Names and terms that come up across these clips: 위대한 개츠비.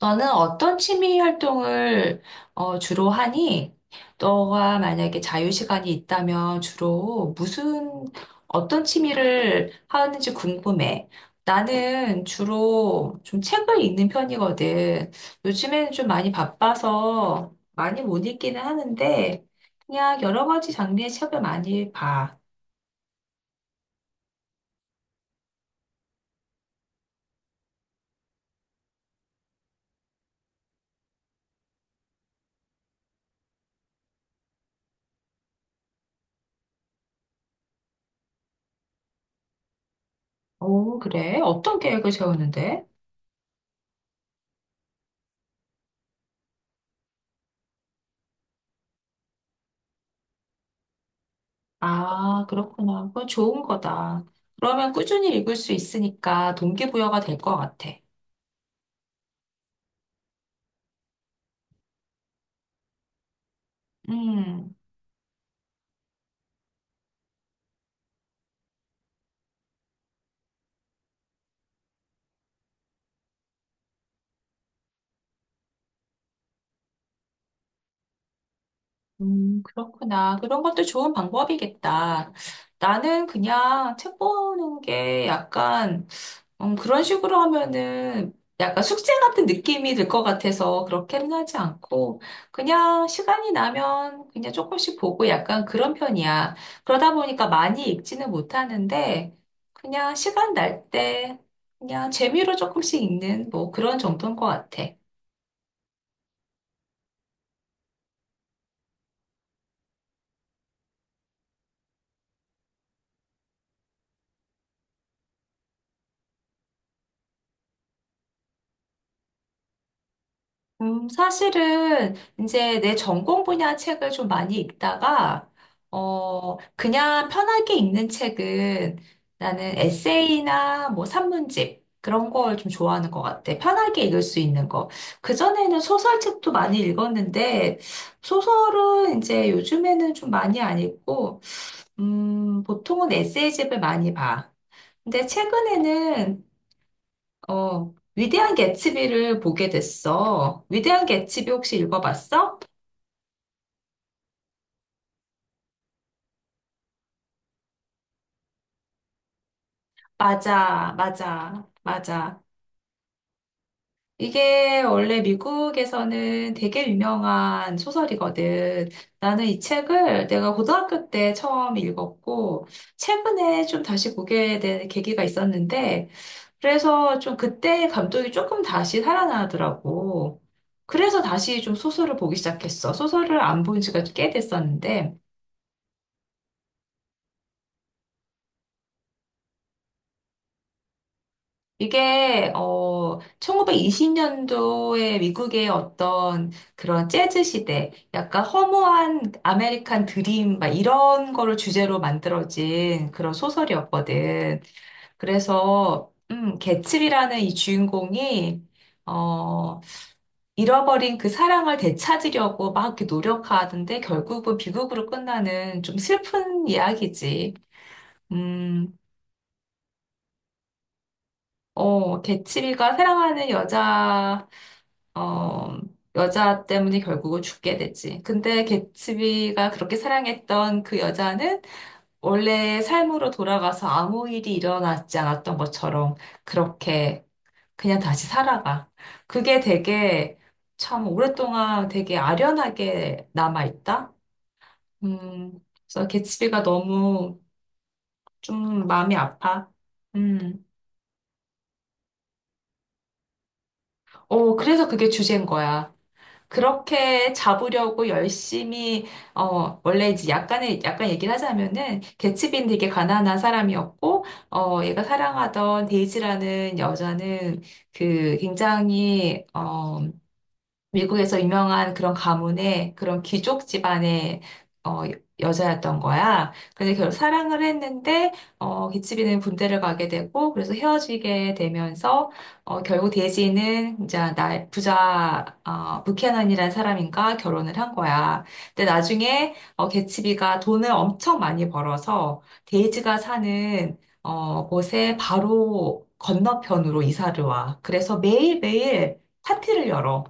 너는 어떤 취미 활동을 주로 하니? 너가 만약에 자유 시간이 있다면 주로 무슨 어떤 취미를 하는지 궁금해. 나는 주로 좀 책을 읽는 편이거든. 요즘에는 좀 많이 바빠서 많이 못 읽기는 하는데 그냥 여러 가지 장르의 책을 많이 봐. 오, 그래? 어떤 계획을 세우는데? 아, 그렇구나. 그건 좋은 거다. 그러면 꾸준히 읽을 수 있으니까 동기부여가 될 것 같아. 음. 그렇구나. 그런 것도 좋은 방법이겠다. 나는 그냥 책 보는 게 약간, 그런 식으로 하면은 약간 숙제 같은 느낌이 들 것 같아서 그렇게는 하지 않고, 그냥 시간이 나면 그냥 조금씩 보고 약간 그런 편이야. 그러다 보니까 많이 읽지는 못하는데, 그냥 시간 날 때, 그냥 재미로 조금씩 읽는 뭐 그런 정도인 것 같아. 사실은 이제 내 전공 분야 책을 좀 많이 읽다가, 그냥 편하게 읽는 책은 나는 에세이나 뭐 산문집 그런 걸 좀 좋아하는 것 같아. 편하게 읽을 수 있는 거. 그전에는 소설책도 많이 읽었는데, 소설은 이제 요즘에는 좀 많이 안 읽고, 보통은 에세이집을 많이 봐. 근데 최근에는 위대한 개츠비를 보게 됐어. 위대한 개츠비 혹시 읽어봤어? 맞아, 맞아, 맞아. 이게 원래 미국에서는 되게 유명한 소설이거든. 나는 이 책을 내가 고등학교 때 처음 읽었고, 최근에 좀 다시 보게 된 계기가 있었는데, 그래서 좀 그때 감독이 조금 다시 살아나더라고. 그래서 다시 좀 소설을 보기 시작했어. 소설을 안 본 지가 꽤 됐었는데, 이게 1920년도에 미국의 어떤 그런 재즈 시대, 약간 허무한 아메리칸 드림 막 이런 거를 주제로 만들어진 그런 소설이었거든. 그래서 개츠비라는 이 주인공이 어 잃어버린 그 사랑을 되찾으려고 막 이렇게 노력하는데 결국은 비극으로 끝나는 좀 슬픈 이야기지. 음. 어, 개츠비가 사랑하는 여자 어, 여자 때문에 결국은 죽게 되지. 근데 개츠비가 그렇게 사랑했던 그 여자는 원래 삶으로 돌아가서 아무 일이 일어나지 않았던 것처럼 그렇게 그냥 다시 살아가. 그게 되게 참 오랫동안 되게 아련하게 남아있다. 음, 그래서 개츠비가 너무 좀 마음이 아파. 음, 어, 그래서 그게 주제인 거야. 그렇게 잡으려고 열심히 원래 이제 약간의 약간 얘기를 하자면은 개츠빈 되게 가난한 사람이었고 얘가 사랑하던 데이지라는 여자는 그 굉장히 미국에서 유명한 그런 가문의 그런 귀족 집안의 어, 여자였던 거야. 근데 결국 사랑을 했는데 기치비는 군대를 가게 되고 그래서 헤어지게 되면서 결국 데이지는 이제 나 부자 어, 부캐넌이라는 사람인가 결혼을 한 거야. 근데 나중에 개츠비가 돈을 엄청 많이 벌어서 데이지가 사는 곳에 바로 건너편으로 이사를 와. 그래서 매일매일 파티를 열어.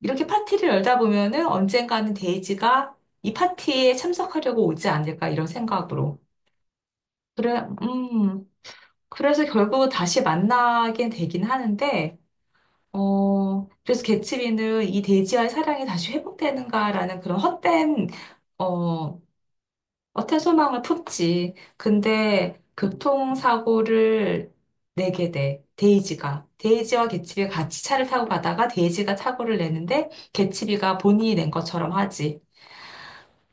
이렇게 파티를 열다 보면은 언젠가는 데이지가 이 파티에 참석하려고 오지 않을까 이런 생각으로. 그래, 그래서 결국은 다시 만나게 되긴 하는데, 그래서 개츠비는 이 데이지와의 사랑이 다시 회복되는가라는 그런 헛된, 어, 헛된 소망을 품지. 근데 교통사고를 내게 돼. 데이지가. 데이지와 개츠비가 같이 차를 타고 가다가 데이지가 사고를 내는데 개츠비가 본인이 낸 것처럼 하지.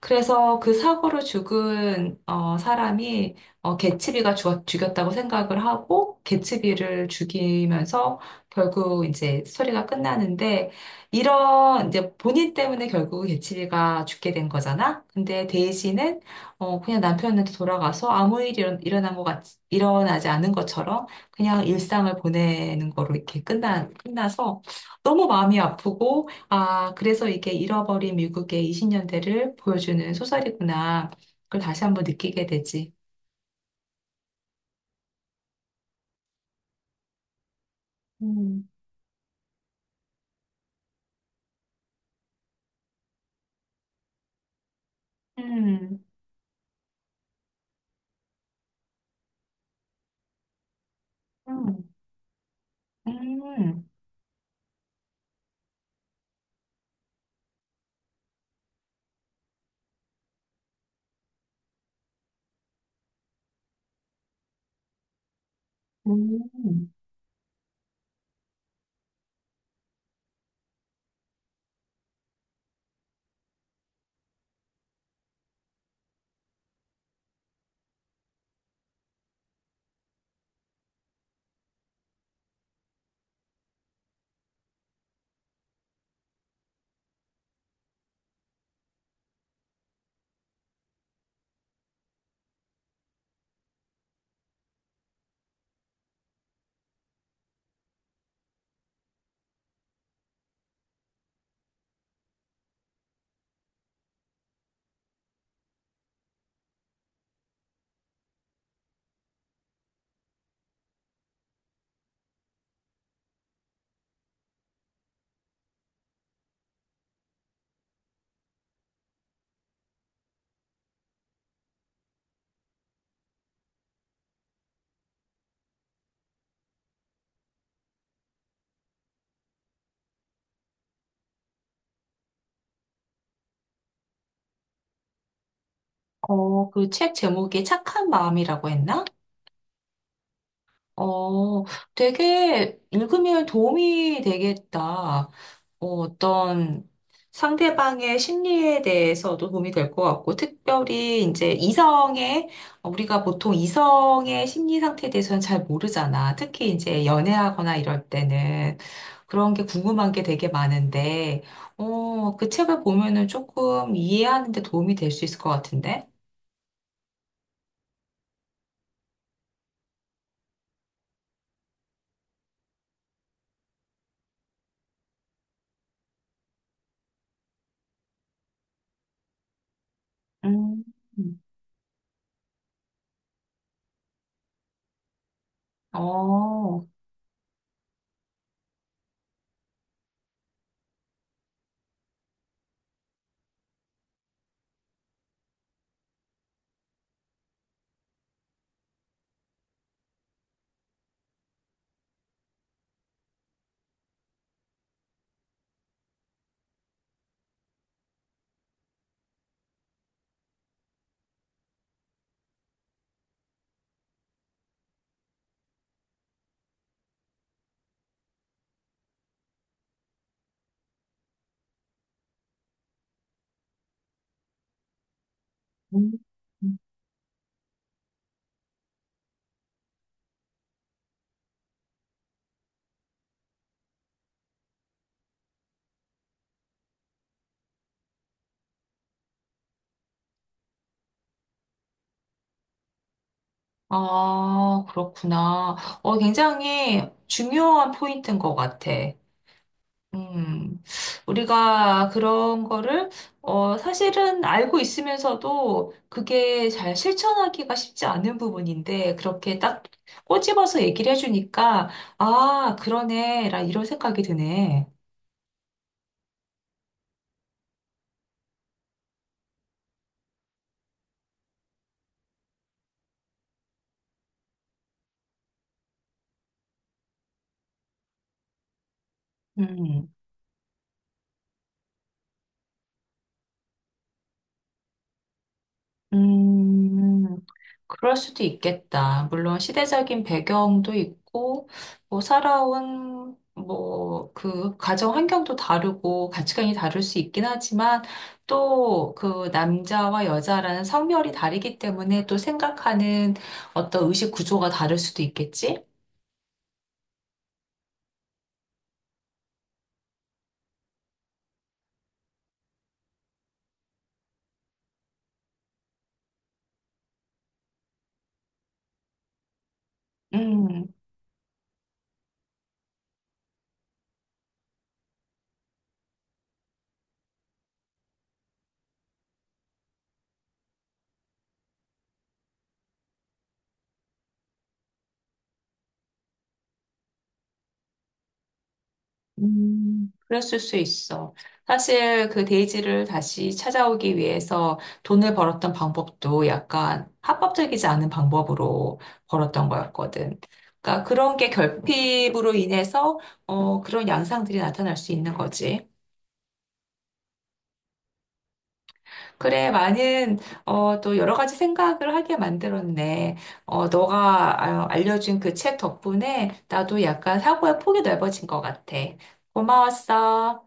그래서 그 사고로 죽은 사람이 죽였다고 생각을 하고 개츠비를 죽이면서 결국 이제 스토리가 끝나는데 이런 이제 본인 때문에 결국 개츠비가 죽게 된 거잖아. 근데 데이지는 그냥 남편한테 돌아가서 일어나지 않은 것처럼 그냥 일상을 보내는 거로 끝나서 너무 마음이 아프고 아, 그래서 이게 잃어버린 미국의 20년대를 보여주는 소설이구나. 그걸 다시 한번 느끼게 되지. 음. 음, 음, 음, 음. 어, 그 책 제목이 착한 마음이라고 했나? 어, 되게 읽으면 도움이 되겠다. 어, 어떤 상대방의 심리에 대해서도 도움이 될 것 같고, 특별히 이제 이성의, 우리가 보통 이성의 심리 상태에 대해서는 잘 모르잖아. 특히 이제 연애하거나 이럴 때는 그런 게 궁금한 게 되게 많은데, 그 책을 보면은 조금 이해하는 데 도움이 될 수 있을 것 같은데? 음, 어, 음. 아, 그렇구나. 어, 굉장히 중요한 포인트인 것 같아. 음, 우리가 그런 거를, 사실은 알고 있으면서도 그게 잘 실천하기가 쉽지 않은 부분인데, 그렇게 딱 꼬집어서 얘기를 해주니까, 아, 그러네, 라 이런 생각이 드네. 음, 음. 그럴 수도 있겠다. 물론 시대적인 배경도 있고, 뭐, 살아온, 뭐, 그, 가정 환경도 다르고, 가치관이 다를 수 있긴 하지만, 또, 그, 남자와 여자라는 성별이 다르기 때문에 또 생각하는 어떤 의식 구조가 다를 수도 있겠지? 음. 그랬을 수 있어. 사실 그 데이지를 다시 찾아오기 위해서 돈을 벌었던 방법도 약간 합법적이지 않은 방법으로 벌었던 거였거든. 그러니까 그런 게 결핍으로 인해서 그런 양상들이 나타날 수 있는 거지. 그래, 많은 또 여러 가지 생각을 하게 만들었네. 너가 알려준 그 책 덕분에 나도 약간 사고의 폭이 넓어진 것 같아. 고마웠어.